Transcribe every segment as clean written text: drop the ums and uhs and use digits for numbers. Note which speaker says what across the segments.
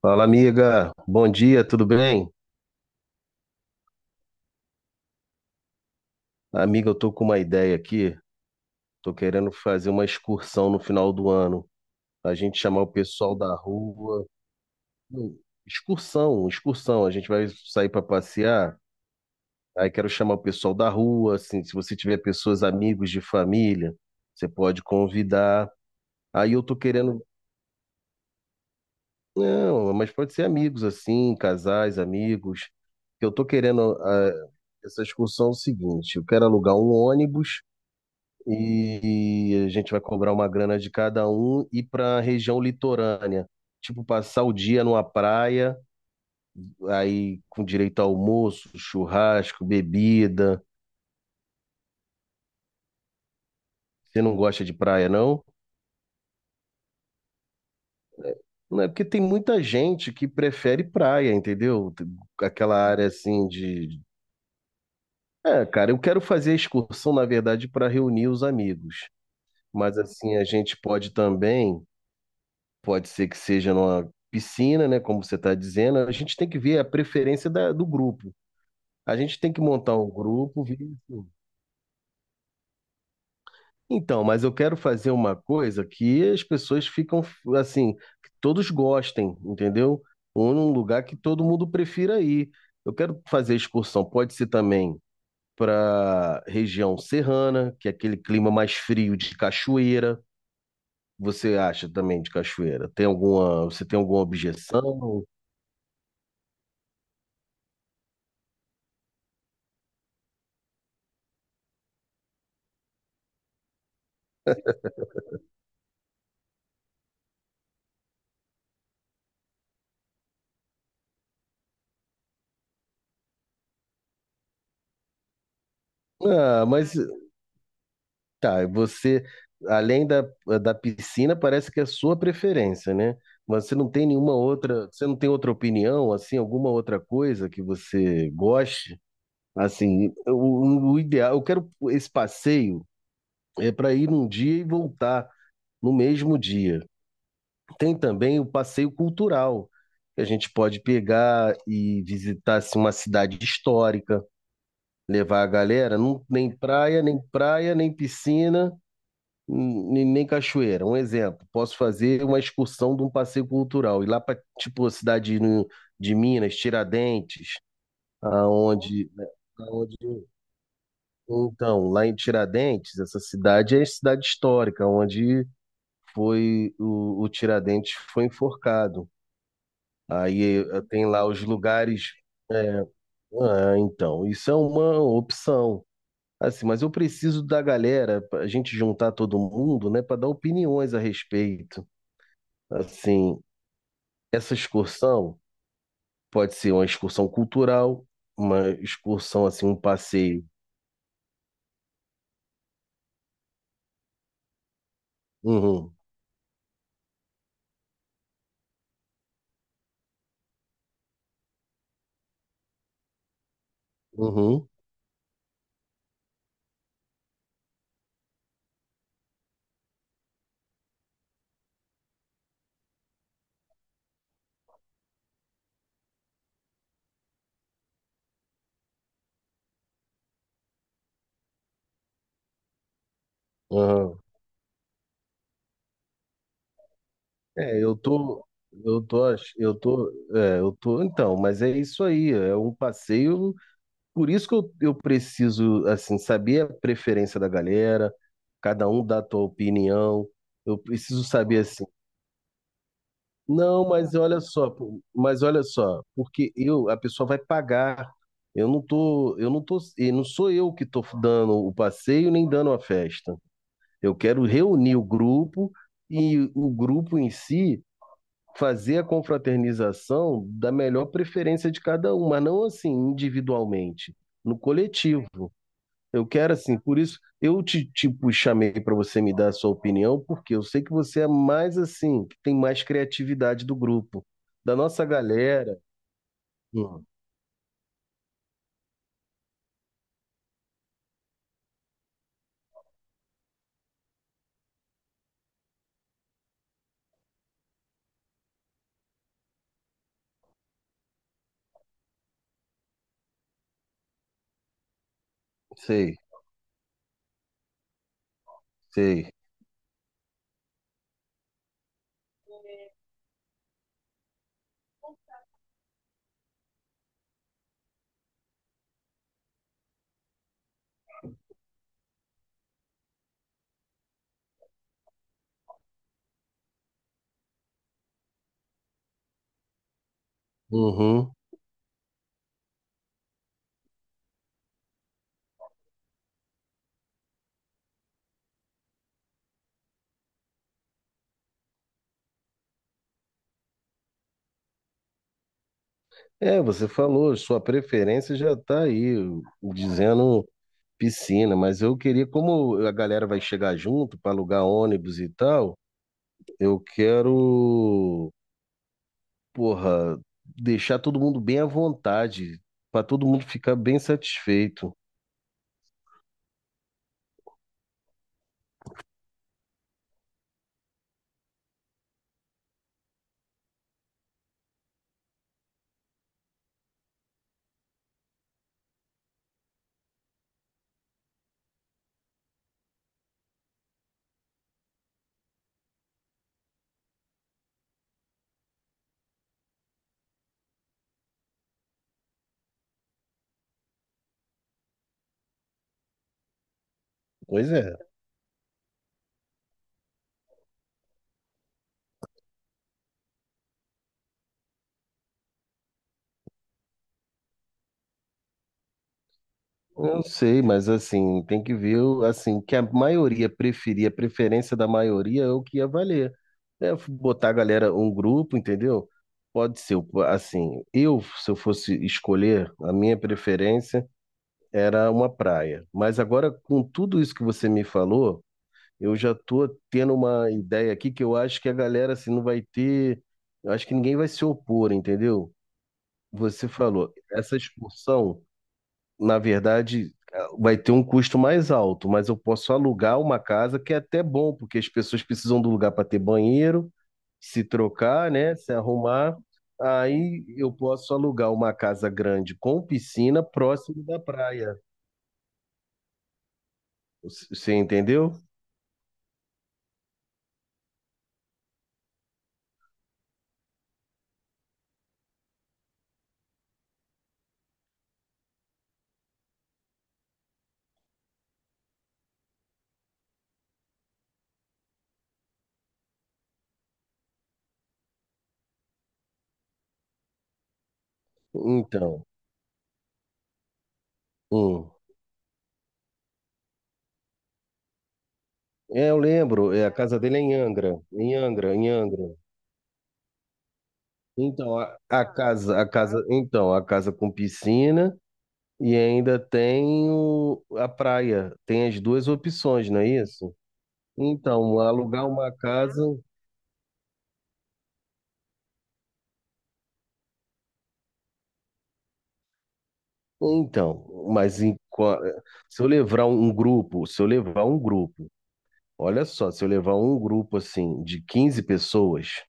Speaker 1: Fala, amiga. Bom dia, tudo bem? Amiga, eu tô com uma ideia aqui. Tô querendo fazer uma excursão no final do ano. A gente chamar o pessoal da rua. Hum, Excursão, excursão. A gente vai sair para passear. Aí quero chamar o pessoal da rua, assim, se você tiver pessoas, amigos de família, você pode convidar. Aí eu tô querendo, não, mas pode ser amigos assim, casais, amigos. Eu tô querendo essa excursão é o seguinte, eu quero alugar um ônibus e a gente vai cobrar uma grana de cada um e para a região litorânea. Tipo, passar o dia numa praia, aí com direito a almoço, churrasco, bebida. Você não gosta de praia, não? Não é porque tem muita gente que prefere praia, entendeu? Aquela área assim de. É, cara, eu quero fazer a excursão, na verdade, para reunir os amigos. Mas assim, a gente pode também pode ser que seja numa piscina, né? Como você está dizendo, a gente tem que ver a preferência do grupo. A gente tem que montar um grupo, ver assim. Então, mas eu quero fazer uma coisa que as pessoas ficam assim, que todos gostem, entendeu? Ou num lugar que todo mundo prefira ir. Eu quero fazer excursão, pode ser também para região serrana, que é aquele clima mais frio de cachoeira. Você acha também de cachoeira? Tem alguma, você tem alguma objeção? Ah, mas tá, você, além da piscina, parece que é a sua preferência, né? Mas você não tem nenhuma outra, você não tem outra opinião, assim, alguma outra coisa que você goste? Assim, o ideal, eu quero esse passeio é para ir num dia e voltar no mesmo dia. Tem também o passeio cultural, que a gente pode pegar e visitar assim, uma cidade histórica, levar a galera, não, nem praia, nem piscina nem cachoeira. Um exemplo, posso fazer uma excursão de um passeio cultural, ir lá para, tipo, a cidade de Minas, Tiradentes, aonde, né, aonde. Então, lá em Tiradentes, essa cidade é cidade histórica, onde foi o Tiradentes foi enforcado. Aí tem lá os lugares. é, Ah, então, isso é uma opção. Assim, mas eu preciso da galera, pra gente juntar todo mundo, né, para dar opiniões a respeito. Assim, essa excursão pode ser uma excursão cultural, uma excursão, assim, um passeio. Uhum, uhum, uhum. É, eu tô, ach- eu tô, eu tô, então, mas é isso aí, é um passeio, por isso que eu preciso, assim, saber a preferência da galera, cada um dá a tua opinião, eu preciso saber, assim. Não, mas olha só, porque eu, a pessoa vai pagar. Eu não tô, e não sou eu que estou dando o passeio nem dando a festa. Eu quero reunir o grupo e o grupo em si fazer a confraternização da melhor preferência de cada um, mas não assim individualmente, no coletivo. Eu quero assim, por isso eu te, tipo, chamei para você me dar a sua opinião, porque eu sei que você é mais assim, que tem mais criatividade do grupo, da nossa galera. Hum, sei, sei. Uhum. É, você falou, sua preferência já está aí, dizendo piscina, mas eu queria, como a galera vai chegar junto para alugar ônibus e tal, eu quero, porra, deixar todo mundo bem à vontade, para todo mundo ficar bem satisfeito. Pois é, eu sei, mas assim, tem que ver assim, o que a maioria preferir a preferência da maioria é o que ia valer. É, botar a galera, um grupo, entendeu? Pode ser, assim, se eu fosse escolher, a minha preferência era uma praia. Mas agora, com tudo isso que você me falou, eu já tô tendo uma ideia aqui que eu acho que a galera, assim, não vai ter, eu acho que ninguém vai se opor, entendeu? Você falou, essa excursão, na verdade, vai ter um custo mais alto, mas eu posso alugar uma casa que é até bom, porque as pessoas precisam do lugar para ter banheiro, se trocar, né, se arrumar. Aí eu posso alugar uma casa grande com piscina próximo da praia. Você entendeu? Então, hum. É, eu lembro, a casa dele é em Angra, em Angra, em Angra. Então, a casa com piscina e ainda tem a praia. Tem as duas opções, não é isso? Então, alugar uma casa. Então, se eu levar um grupo, se eu levar um grupo, olha só, se eu levar um grupo assim de 15 pessoas,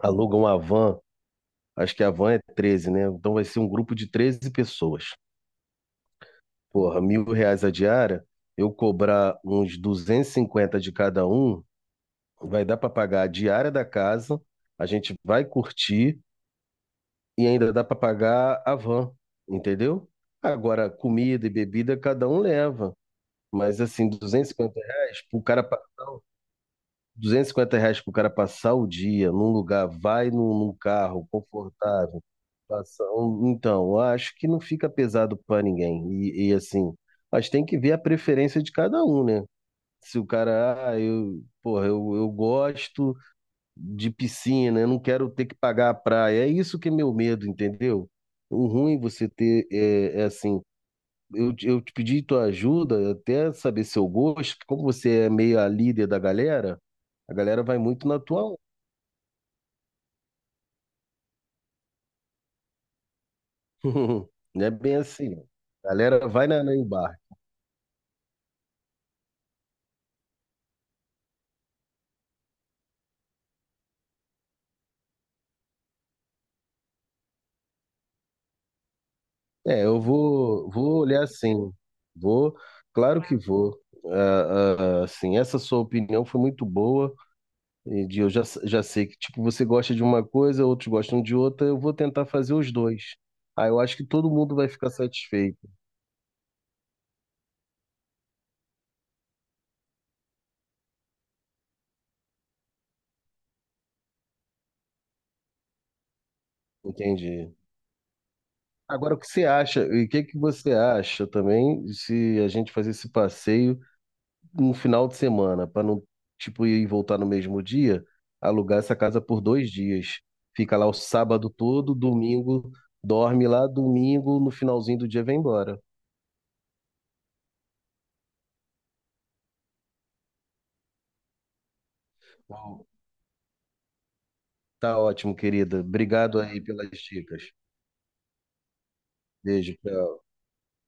Speaker 1: aluga uma van, acho que a van é 13, né? Então vai ser um grupo de 13 pessoas. Porra, R$ 1.000 a diária, eu cobrar uns 250 de cada um, vai dar para pagar a diária da casa, a gente vai curtir e ainda dá para pagar a van, entendeu? Agora, comida e bebida cada um leva. Mas assim, R$ 250 pro cara passar o dia num lugar, vai num carro confortável, então, eu acho que não fica pesado para ninguém. E, assim, mas tem que ver a preferência de cada um, né? Se o cara, porra, eu gosto de piscina, eu não quero ter que pagar a praia. É isso que é meu medo, entendeu? O ruim você ter é assim. Eu te pedi tua ajuda, até saber seu gosto, que como você é meio a líder da galera, a galera vai muito na tua onda. Não é bem assim. A galera vai na embarque. É, eu vou olhar assim. Vou, claro que vou. Ah, ah, assim, essa sua opinião foi muito boa. Entendi. Eu já sei que, tipo, você gosta de uma coisa, outros gostam de outra, eu vou tentar fazer os dois. Aí eu acho que todo mundo vai ficar satisfeito. Entendi. Agora, o que você acha? E o que que você acha também se a gente fazer esse passeio no final de semana, para não, tipo, ir e voltar no mesmo dia, alugar essa casa por 2 dias. Fica lá o sábado todo, domingo, dorme lá, domingo, no finalzinho do dia vem embora. Tá ótimo, querida. Obrigado aí pelas dicas. Beijo.